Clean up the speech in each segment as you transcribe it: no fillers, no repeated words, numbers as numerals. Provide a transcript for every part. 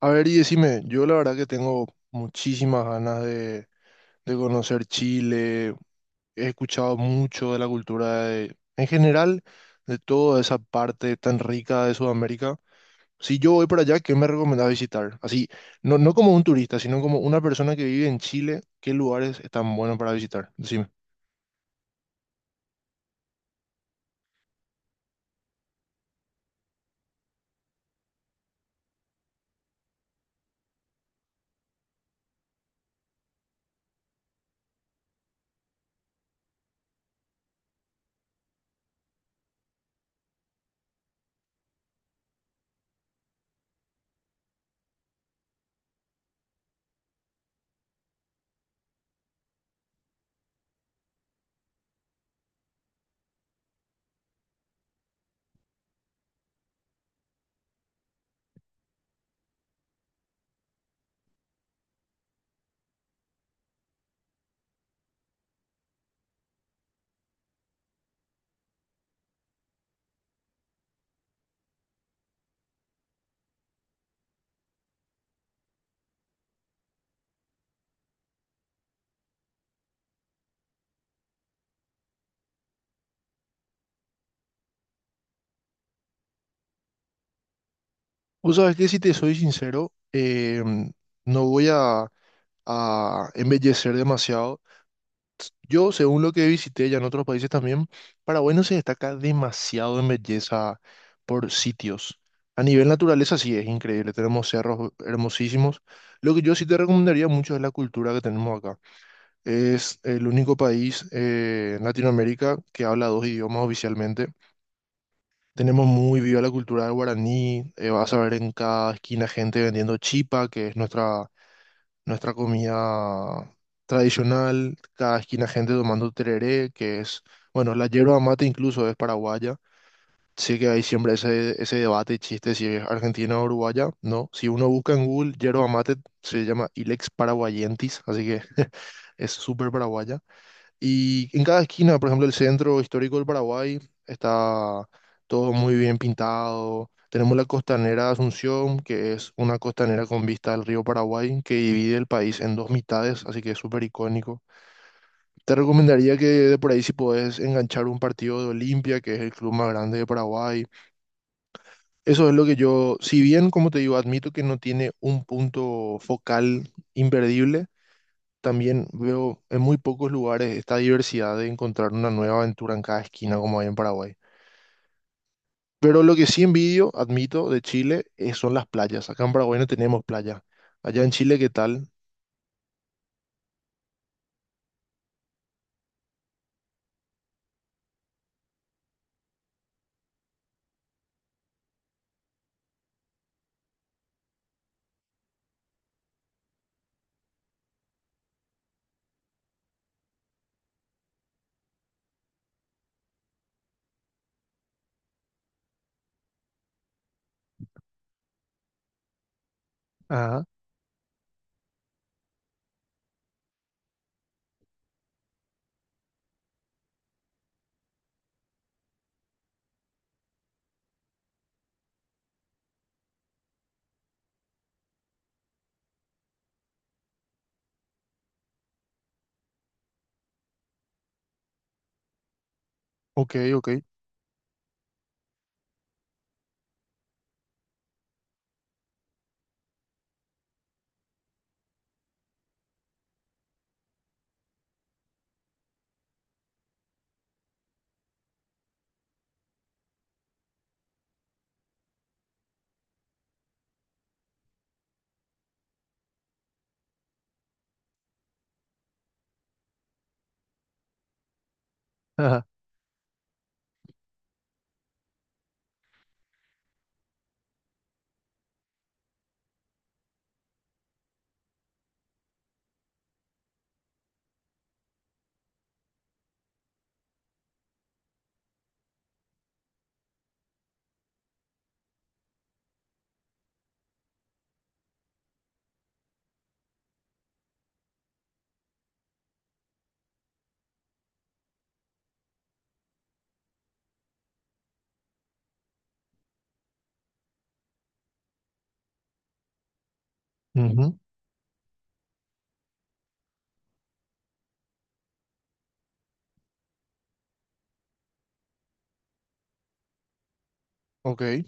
A ver, y decime, yo la verdad que tengo muchísimas ganas de conocer Chile, he escuchado mucho de la cultura en general, de toda esa parte tan rica de Sudamérica. Si yo voy para allá, ¿qué me recomendás visitar? Así, no como un turista, sino como una persona que vive en Chile, ¿qué lugares están buenos para visitar? Decime. Vos sabés que si te soy sincero, no voy a embellecer demasiado. Yo, según lo que visité ya en otros países también, Paraguay no se destaca demasiado en belleza por sitios. A nivel naturaleza sí es increíble, tenemos cerros hermosísimos. Lo que yo sí te recomendaría mucho es la cultura que tenemos acá. Es el único país en Latinoamérica que habla dos idiomas oficialmente. Tenemos muy viva la cultura del guaraní, vas a ver en cada esquina gente vendiendo chipa, que es nuestra comida tradicional, cada esquina gente tomando tereré, que es, bueno, la yerba mate incluso es paraguaya. Sí que hay siempre ese debate y chiste si es argentina o uruguaya, no. Si uno busca en Google yerba mate, se llama Ilex paraguayentis, así que es súper paraguaya. Y en cada esquina, por ejemplo, el centro histórico del Paraguay está todo muy bien pintado. Tenemos la costanera de Asunción, que es una costanera con vista al río Paraguay, que divide el país en dos mitades, así que es súper icónico. Te recomendaría que de por ahí si podés enganchar un partido de Olimpia, que es el club más grande de Paraguay. Eso es lo que yo, si bien, como te digo, admito que no tiene un punto focal imperdible, también veo en muy pocos lugares esta diversidad de encontrar una nueva aventura en cada esquina como hay en Paraguay. Pero lo que sí envidio, admito, de Chile son las playas. Acá en Paraguay no tenemos playa. Allá en Chile, ¿qué tal? Ajá, ok, ok. Ajá. Ujú, ok.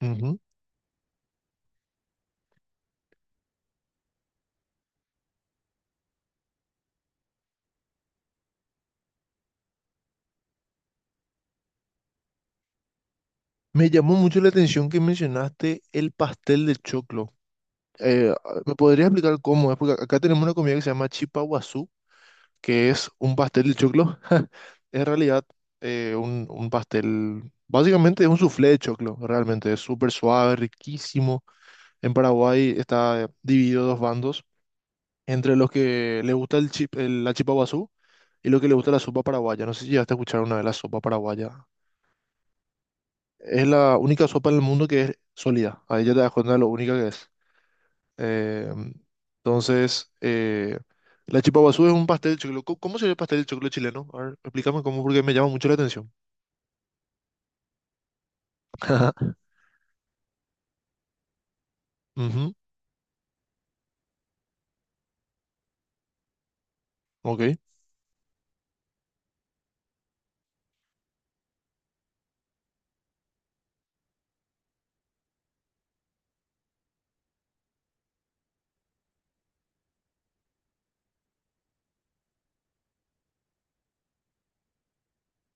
Ujú. Me llamó mucho la atención que mencionaste el pastel de choclo. Eh, ¿Me podrías explicar cómo es? Porque acá tenemos una comida que se llama chipa que es un pastel de choclo. En realidad, un pastel, básicamente es un soufflé de choclo, realmente es súper suave, riquísimo. En Paraguay está dividido dos bandos, entre los que le gusta la chipa guazú y los que le gusta la sopa paraguaya. No sé si llegaste a escuchar una de la sopa paraguaya. Es la única sopa en el mundo que es sólida. Ahí ya te das cuenta de lo única que es. Eh, entonces, la chipa guazú es un pastel de choclo. ¿Cómo sería el pastel de choclo chileno? A ver, explícame cómo, porque me llama mucho la atención. Ujú, ok,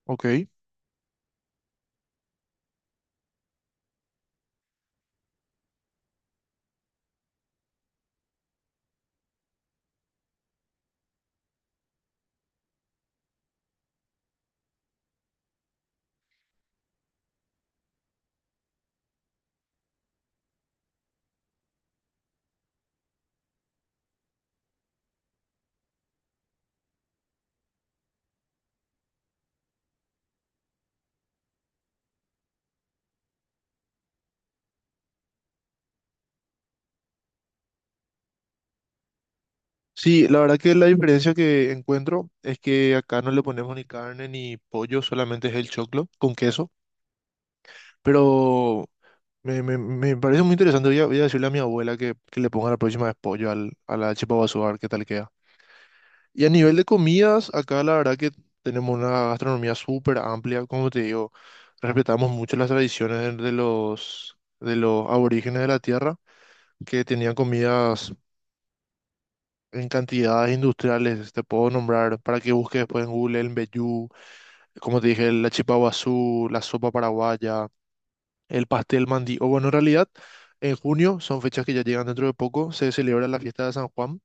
ok. Sí, la verdad que la diferencia que encuentro es que acá no le ponemos ni carne ni pollo, solamente es el choclo con queso. Pero me parece muy interesante. Voy a, voy a decirle a mi abuela que le ponga la próxima vez pollo al, a la chipa guazú, a ver qué tal queda. Y a nivel de comidas, acá la verdad que tenemos una gastronomía súper amplia, como te digo, respetamos mucho las tradiciones de los, de los aborígenes de la tierra, que tenían comidas en cantidades industriales, te puedo nombrar para que busques después en Google el mbejú, como te dije, la chipa guazú, la sopa paraguaya, el pastel mandí, o bueno, en realidad, en junio, son fechas que ya llegan dentro de poco, se celebra la fiesta de San Juan,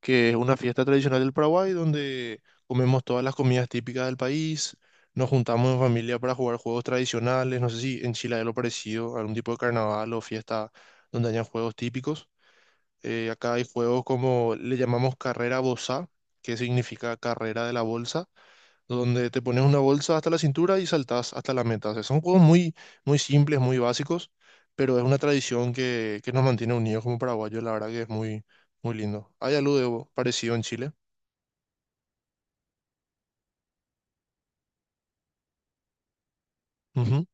que es una fiesta tradicional del Paraguay donde comemos todas las comidas típicas del país, nos juntamos en familia para jugar juegos tradicionales. No sé si en Chile hay lo parecido, algún tipo de carnaval o fiesta donde hayan juegos típicos. Acá hay juegos como le llamamos carrera bolsa, que significa carrera de la bolsa donde te pones una bolsa hasta la cintura y saltás hasta la meta. O sea, son juegos muy, muy simples, muy básicos, pero es una tradición que nos mantiene unidos como paraguayos, la verdad que es muy, muy lindo. Hay algo parecido en Chile. Ujú.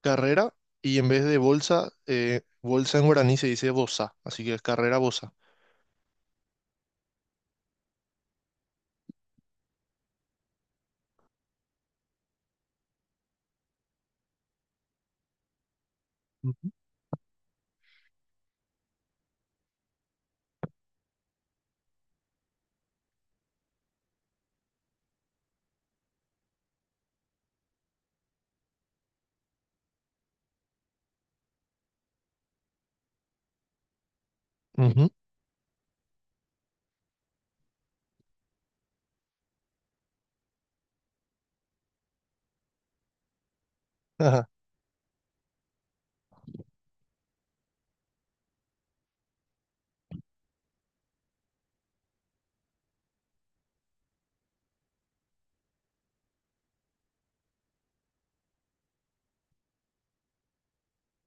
Carrera, y en vez de bolsa, bolsa en guaraní se dice bosa, así que es carrera bosa. Ujú. Ujú. Ajá.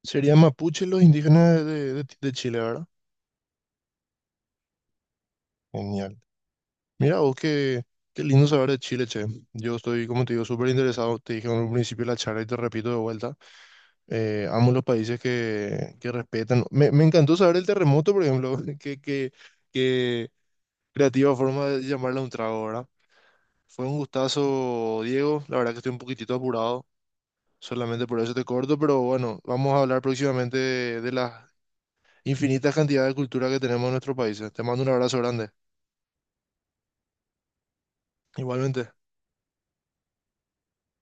Serían mapuche los indígenas de, de Chile, ¿verdad? Genial. Mira, vos qué, qué lindo saber de Chile, che. Yo estoy, como te digo, súper interesado. Te dije en un principio de la charla y te repito de vuelta. Amo los países que respetan. Me encantó saber el terremoto, por ejemplo. Qué, qué, qué creativa forma de llamarla un trago, ¿verdad? Fue un gustazo, Diego. La verdad que estoy un poquitito apurado. Solamente por eso te corto, pero bueno, vamos a hablar próximamente de las infinitas cantidades de cultura que tenemos en nuestros países. Te mando un abrazo grande. Igualmente.